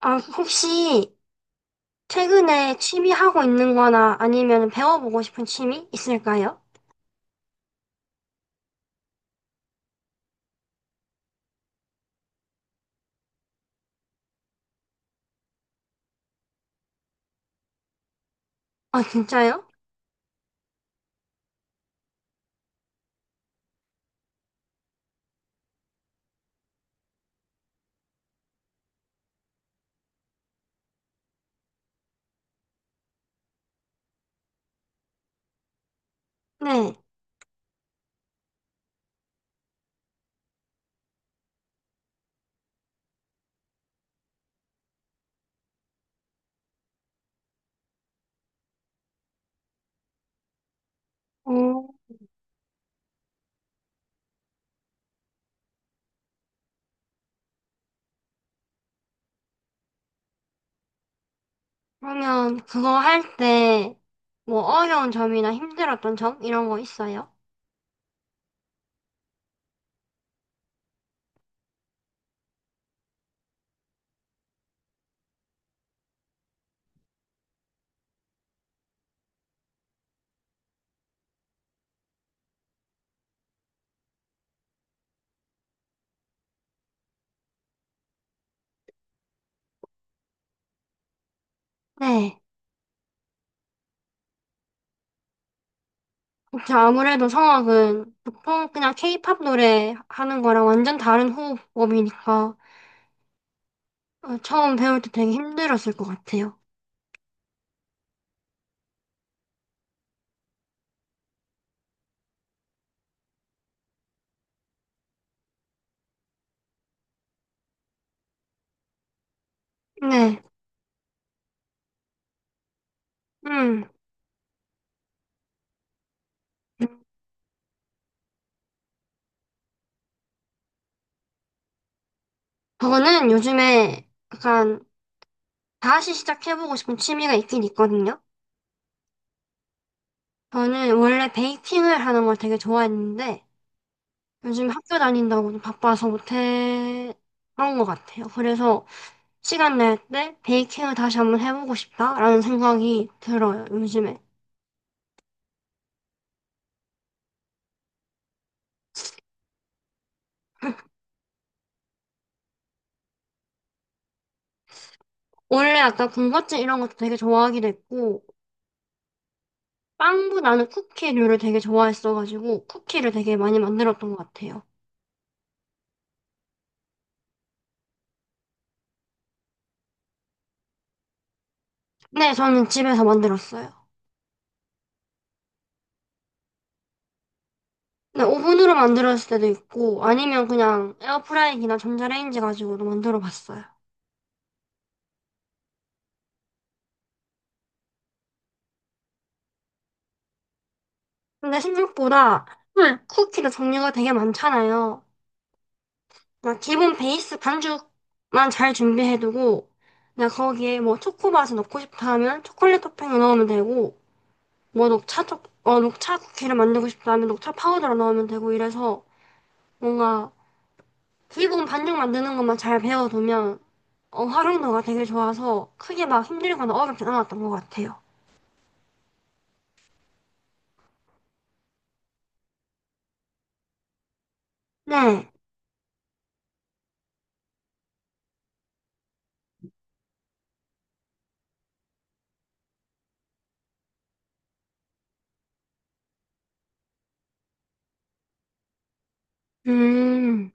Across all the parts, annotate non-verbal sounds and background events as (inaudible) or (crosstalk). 아, 혹시 최근에 취미 하고 있는 거나 아니면 배워보고 싶은 취미 있을까요? 아, 진짜요? 네. 어, 그러면 그거 할 때 뭐 어려운 점이나 힘들었던 점 이런 거 있어요? 네. 그쵸, 아무래도 성악은 보통 그냥 케이팝 노래 하는 거랑 완전 다른 호흡법이니까 처음 배울 때 되게 힘들었을 것 같아요. 네. 음. 저는 요즘에 약간 다시 시작해보고 싶은 취미가 있긴 있거든요. 저는 원래 베이킹을 하는 걸 되게 좋아했는데 요즘 학교 다닌다고 좀 바빠서 못해 그런 것 같아요. 그래서 시간 날 때 베이킹을 다시 한번 해보고 싶다라는 생각이 들어요, 요즘에. 원래 약간 군것질 이런 것도 되게 좋아하기도 했고 빵보다는 쿠키류를 되게 좋아했어가지고 쿠키를 되게 많이 만들었던 것 같아요. 네, 저는 집에서 만들었어요. 네, 오븐으로 만들었을 때도 있고, 아니면 그냥 에어프라이기나 전자레인지 가지고도 만들어 봤어요. 근데 생각보다 쿠키도 종류가 되게 많잖아요. 그냥 기본 베이스 반죽만 잘 준비해두고, 그냥 거기에 뭐 초코맛을 넣고 싶다 하면 초콜릿 토핑을 넣으면 되고, 뭐 녹차 쿠키를 만들고 싶다 하면 녹차 파우더를 넣으면 되고 이래서 뭔가 기본 반죽 만드는 것만 잘 배워두면 활용도가 되게 좋아서 크게 막 힘들거나 어렵진 않았던 것 같아요. 네. 음,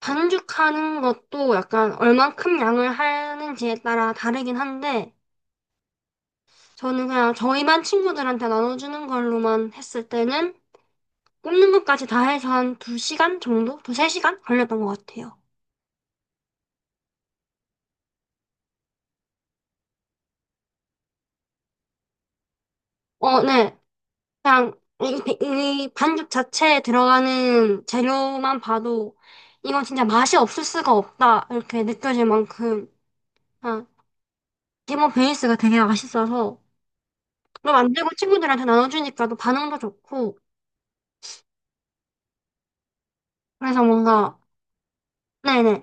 반죽하는 것도 약간 얼만큼 양을 하는지에 따라 다르긴 한데, 저는 그냥 저희 반 친구들한테 나눠주는 걸로만 했을 때는 굽는 것까지 다 해서 한 2시간 정도? 2, 3시간 걸렸던 것 같아요. 어, 네. 그냥 이 반죽 자체에 들어가는 재료만 봐도 이건 진짜 맛이 없을 수가 없다. 이렇게 느껴질 만큼, 그냥 기본 베이스가 되게 맛있어서, 또 만들고 친구들한테 나눠주니까 또 반응도 좋고 그래서 뭔가 네네.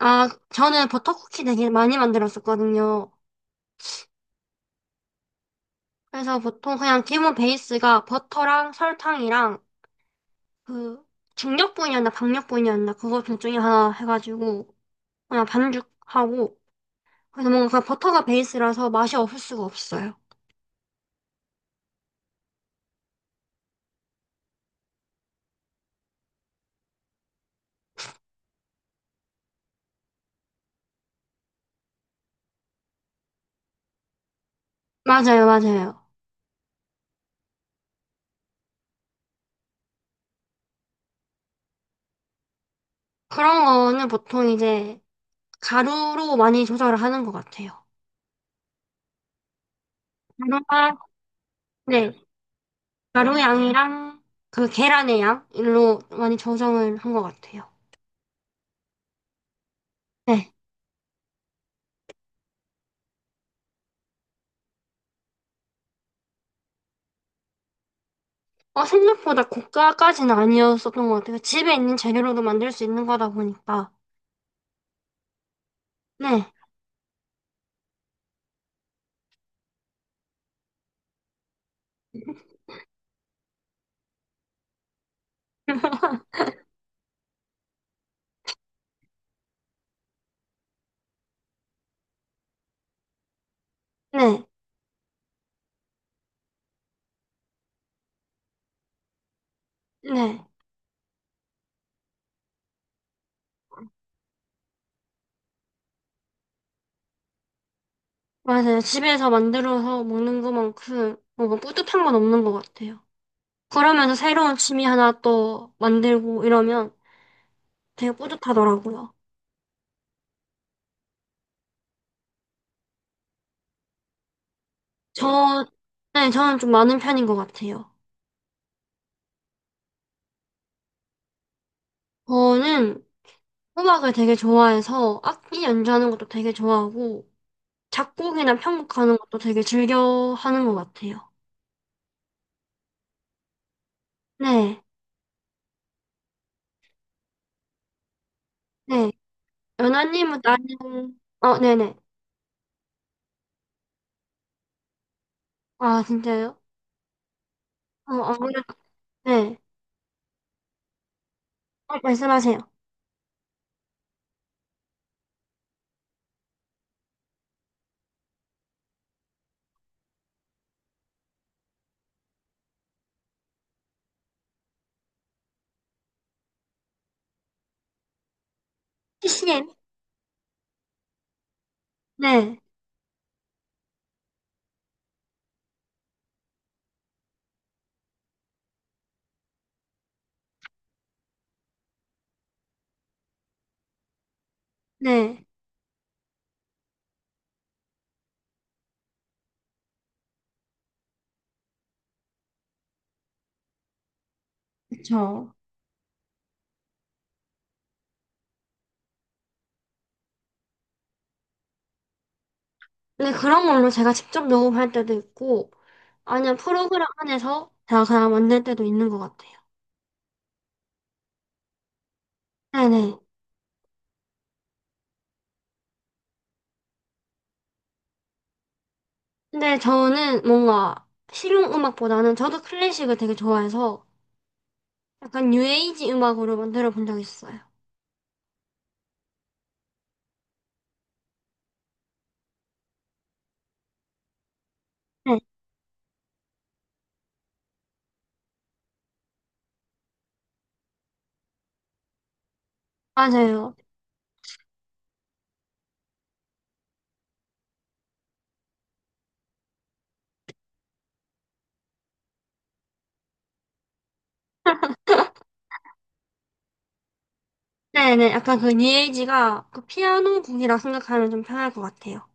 아 저는 버터쿠키 되게 많이 만들었었거든요. 그래서 보통 그냥 기본 베이스가 버터랑 설탕이랑 그 중력분이었나 박력분이었나 그거 둘 중에 하나 해가지고 그냥 반죽하고 그래서 뭔가 그 버터가 베이스라서 맛이 없을 수가 없어요. 맞아요, 맞아요. 그런 거는 보통 이제 가루로 많이 조절을 하는 것 같아요. 가루가 네. 가루양이랑 그 계란의 양일로 많이 조정을 한 것 같아요. 네. 어, 생각보다 고가까지는 아니었었던 것 같아요. 집에 있는 재료로도 만들 수 있는 거다 보니까. 네. (laughs) 네. 네. 맞아요. 집에서 만들어서 먹는 것만큼 뭔가 뿌듯한 건 없는 것 같아요. 그러면서 새로운 취미 하나 또 만들고 이러면 되게 뿌듯하더라고요. 저, 네, 저는 좀 많은 편인 것 같아요. 저는 음악을 되게 좋아해서 악기 연주하는 것도 되게 좋아하고 작곡이나 편곡하는 것도 되게 즐겨 하는 것 같아요. 네, 네. 연아님은 나는 네네. 아, 진짜요? 어, 아무래도 네. 어, 말씀하세요. CCM? 네, 네. 그쵸. 근데 그런 걸로 제가 직접 녹음할 때도 있고 아니면 프로그램 안에서 제가 그냥 만들 때도 있는 것 같아요. 네네. 근데 저는 뭔가 실용 음악보다는 저도 클래식을 되게 좋아해서 약간 뉴에이지 음악으로 만들어 본 적 있어요. 네. 맞아요. (laughs) 네네, 약간 그 뉴에이지가 그 피아노 곡이라 생각하면 좀 편할 것 같아요.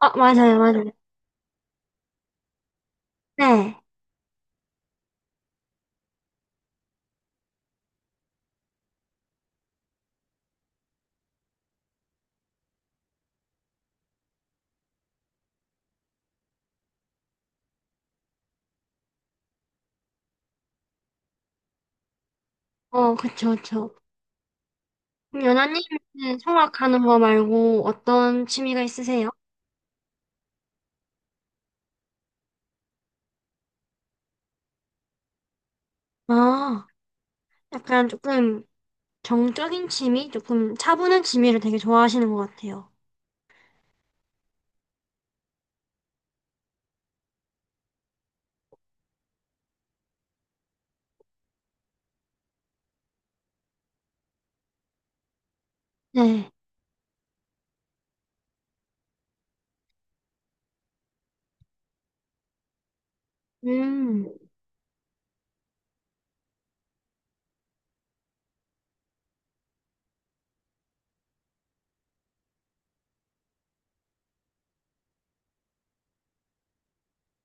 아, 맞아요, 맞아요. 네. 어, 그쵸, 그쵸. 그럼 연하님은 성악하는 거 말고 어떤 취미가 있으세요? 아, 약간 조금 정적인 취미? 조금 차분한 취미를 되게 좋아하시는 것 같아요. 네. 음,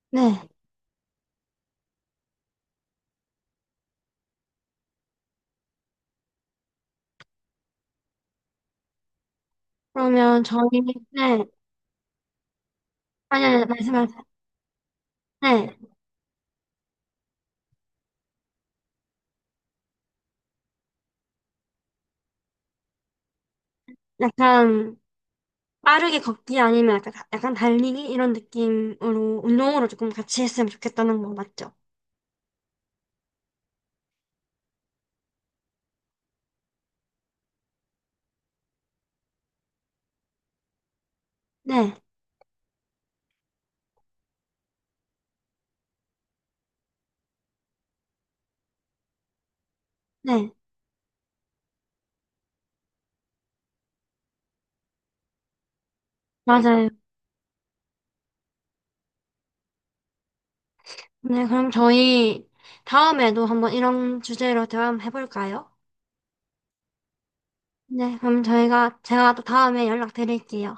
네. 그러면 저희, 네. 아니, 아니, 말씀하세요. 네. 약간 빠르게 걷기 아니면 약간, 약간 달리기 이런 느낌으로 운동으로 조금 같이 했으면 좋겠다는 거 맞죠? 네, 네, 맞아요. 네, 그럼 저희 다음에도 한번 이런 주제로 대화 한번 해볼까요? 네, 그럼 저희가 제가 또 다음에 연락드릴게요.